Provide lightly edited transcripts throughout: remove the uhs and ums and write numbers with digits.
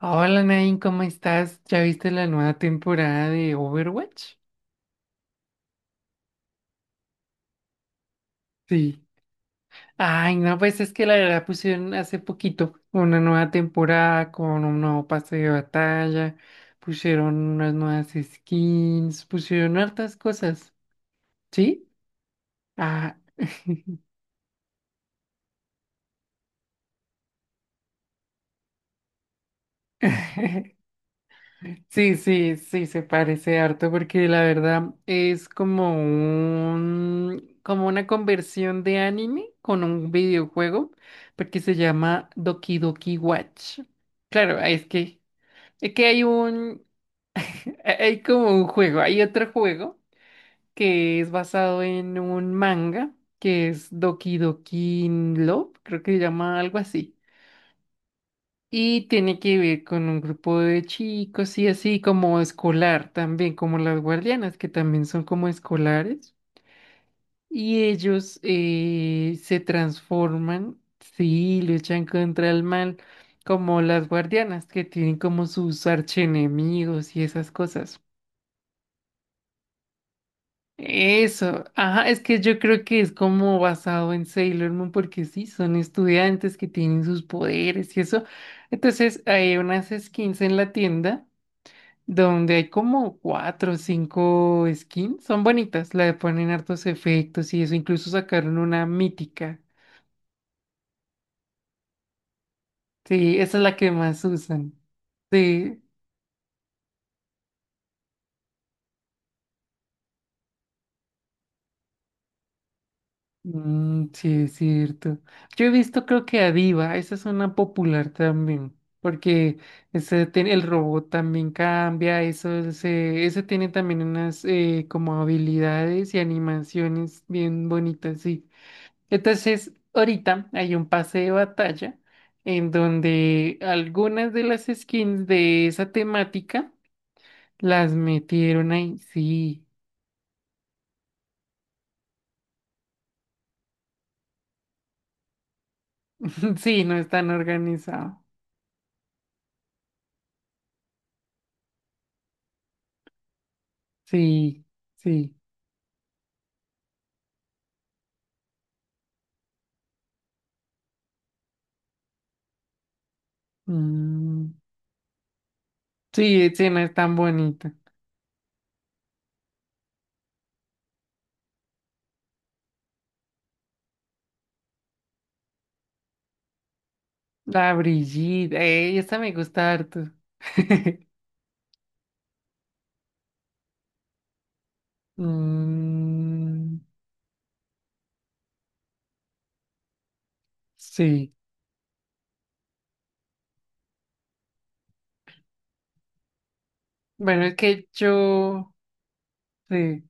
Hola Nain, ¿cómo estás? ¿Ya viste la nueva temporada de Overwatch? Sí. Ay, no, pues es que la verdad pusieron hace poquito una nueva temporada con un nuevo pase de batalla, pusieron unas nuevas skins, pusieron hartas cosas. ¿Sí? Ah. Sí, se parece harto porque la verdad es como un, como una conversión de anime con un videojuego, porque se llama Doki Doki Watch. Claro, es que hay un, hay como un juego, hay otro juego que es basado en un manga que es Doki Doki Love, creo que se llama algo así. Y tiene que ver con un grupo de chicos y así como escolar también, como las guardianas, que también son como escolares. Y ellos se transforman, sí, luchan contra el mal, como las guardianas, que tienen como sus archienemigos y esas cosas. Eso, ajá, es que yo creo que es como basado en Sailor Moon, porque sí, son estudiantes que tienen sus poderes y eso. Entonces hay unas skins en la tienda donde hay como cuatro o cinco skins. Son bonitas, le ponen hartos efectos y eso. Incluso sacaron una mítica. Sí, esa es la que más usan. Sí, mm, sí, es cierto. Yo he visto, creo que a Diva, esa es una popular también. Porque ese tiene, el robot también cambia, eso, ese tiene también unas como habilidades y animaciones bien bonitas, sí. Entonces, ahorita hay un pase de batalla en donde algunas de las skins de esa temática las metieron ahí. Sí, sí, no están organizados. Sí, sí. Mm, sí, ese no es tan bonita. La Brigitte, esa me gusta harto. Mm, sí. Bueno, es que yo... Sí.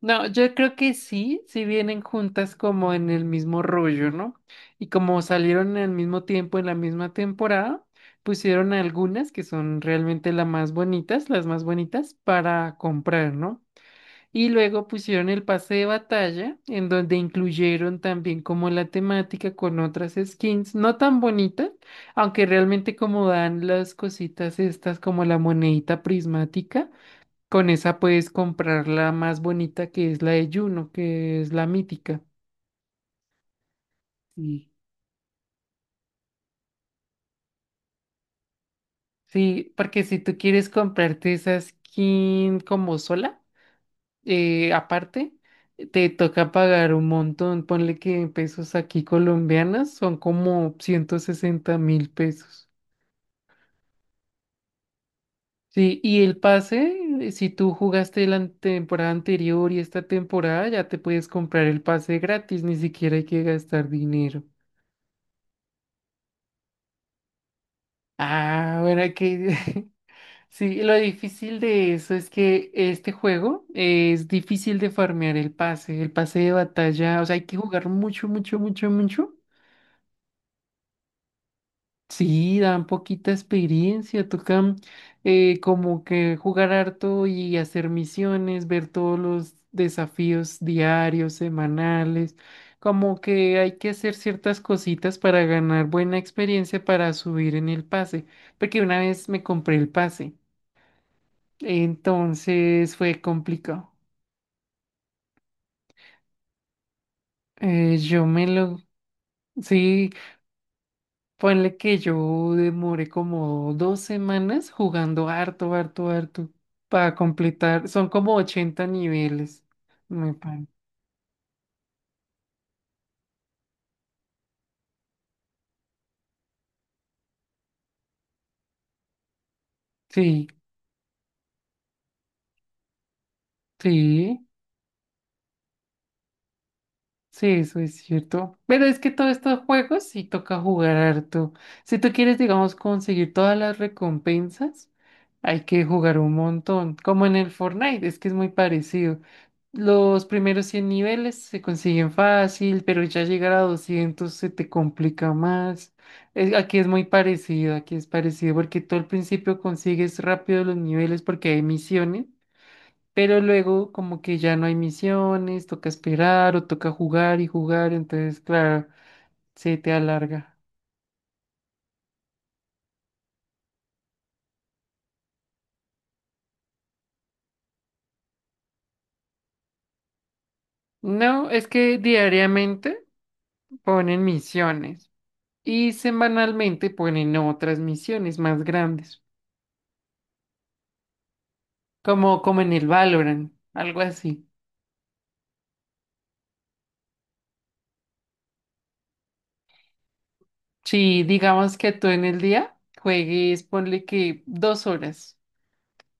No, yo creo que sí, si vienen juntas como en el mismo rollo, ¿no? Y como salieron al mismo tiempo en la misma temporada, pusieron algunas que son realmente las más bonitas para comprar, ¿no? Y luego pusieron el pase de batalla, en donde incluyeron también como la temática con otras skins, no tan bonitas, aunque realmente como dan las cositas estas como la monedita prismática. Con esa puedes comprar la más bonita que es la de Juno, que es la mítica. Sí. Sí, porque si tú quieres comprarte esa skin como sola, aparte, te toca pagar un montón. Ponle que en pesos aquí colombianas son como 160.000 pesos. Sí, y el pase, si tú jugaste la temporada anterior y esta temporada, ya te puedes comprar el pase gratis, ni siquiera hay que gastar dinero. Ah, bueno, que sí, lo difícil de eso es que este juego es difícil de farmear el pase de batalla, o sea, hay que jugar mucho, mucho, mucho, mucho. Sí, dan poquita experiencia. Tocan como que jugar harto y hacer misiones, ver todos los desafíos diarios, semanales, como que hay que hacer ciertas cositas para ganar buena experiencia para subir en el pase, porque una vez me compré el pase. Entonces fue complicado. Yo me lo... Sí, ponle que yo demoré como dos semanas jugando harto, harto, harto para completar. Son como 80 niveles, me parece. Sí, sí, sí, eso es cierto. Pero es que todos estos juegos sí toca jugar harto. Si tú quieres, digamos, conseguir todas las recompensas, hay que jugar un montón, como en el Fortnite, es que es muy parecido. Los primeros 100 niveles se consiguen fácil, pero ya llegar a 200 se te complica más. Aquí es muy parecido, aquí es parecido, porque tú al principio consigues rápido los niveles porque hay misiones, pero luego como que ya no hay misiones, toca esperar o toca jugar y jugar, entonces claro, se te alarga. No, es que diariamente ponen misiones, y semanalmente ponen otras misiones más grandes, como, como en el Valorant, algo así. Si digamos que tú en el día juegues, ponle que 2 horas,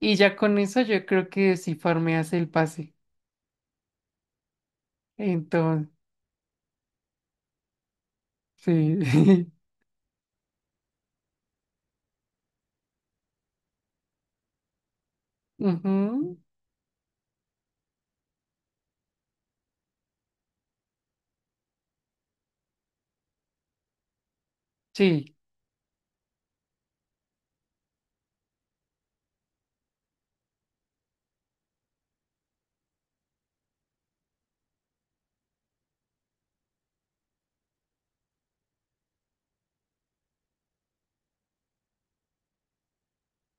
y ya con eso yo creo que sí farmeas el pase. Entonces, sí. Ujú, sí.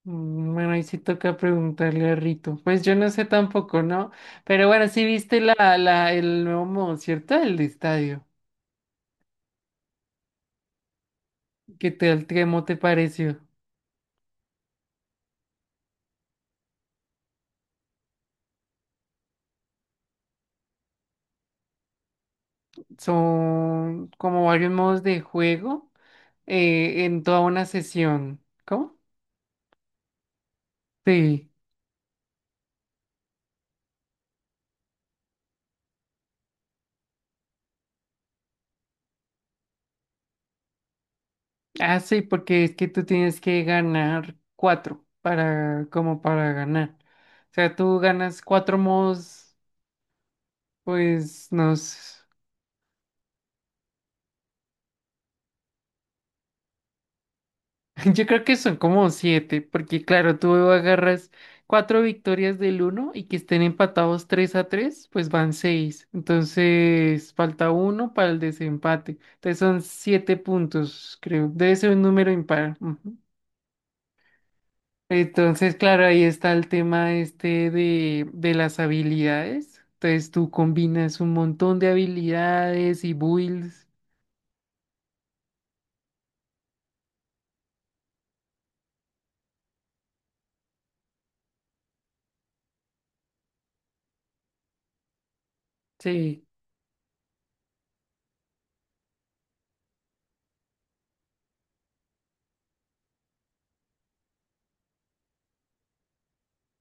Mm, bueno, ahí sí toca preguntarle a Rito. Pues yo no sé tampoco, ¿no? Pero bueno, sí viste el nuevo modo, ¿cierto? El de estadio. ¿Qué tal? ¿Cómo te pareció? Son como varios modos de juego en toda una sesión. ¿Cómo? Sí. Ah, sí, porque es que tú tienes que ganar cuatro para, como para ganar. O sea, tú ganas cuatro modos, pues, no sé. Yo creo que son como siete, porque claro, tú agarras cuatro victorias del uno y que estén empatados tres a tres, pues van seis. Entonces falta uno para el desempate. Entonces son siete puntos, creo. Debe ser un número impar. Ujú. Entonces, claro, ahí está el tema este de las habilidades. Entonces tú combinas un montón de habilidades y builds. Sí,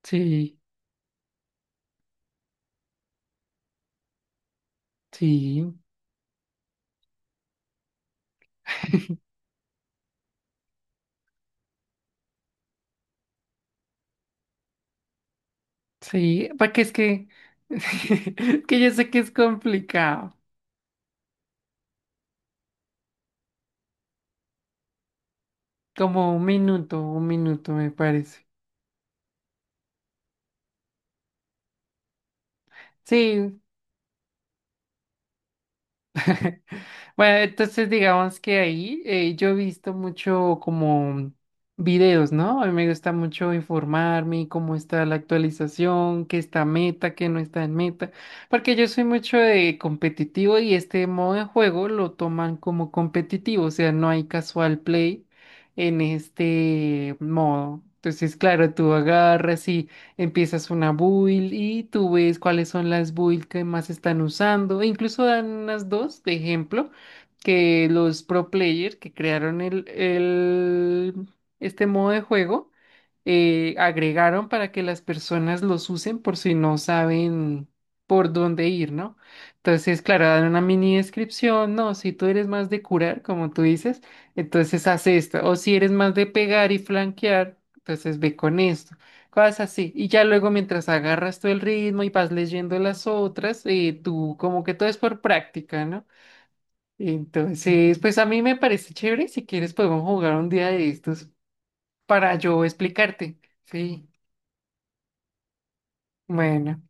sí, sí. Sí, porque es que, es que yo sé que es complicado, como un minuto me parece. Sí, bueno, entonces digamos que ahí yo he visto mucho como videos, ¿no? A mí me gusta mucho informarme cómo está la actualización, qué está meta, qué no está en meta, porque yo soy mucho de competitivo y este modo de juego lo toman como competitivo, o sea, no hay casual play en este modo. Entonces, claro, tú agarras y empiezas una build y tú ves cuáles son las builds que más están usando. E incluso dan unas dos de ejemplo que los pro player que crearon este modo de juego agregaron para que las personas los usen por si no saben por dónde ir, ¿no? Entonces, claro, dan una mini descripción, no, si tú eres más de curar, como tú dices, entonces haz esto, o si eres más de pegar y flanquear, entonces ve con esto. Cosas así. Y ya luego mientras agarras tú el ritmo y vas leyendo las otras, tú como que todo es por práctica, ¿no? Entonces, pues a mí me parece chévere. Si quieres podemos jugar un día de estos para yo explicarte. Sí. Bueno.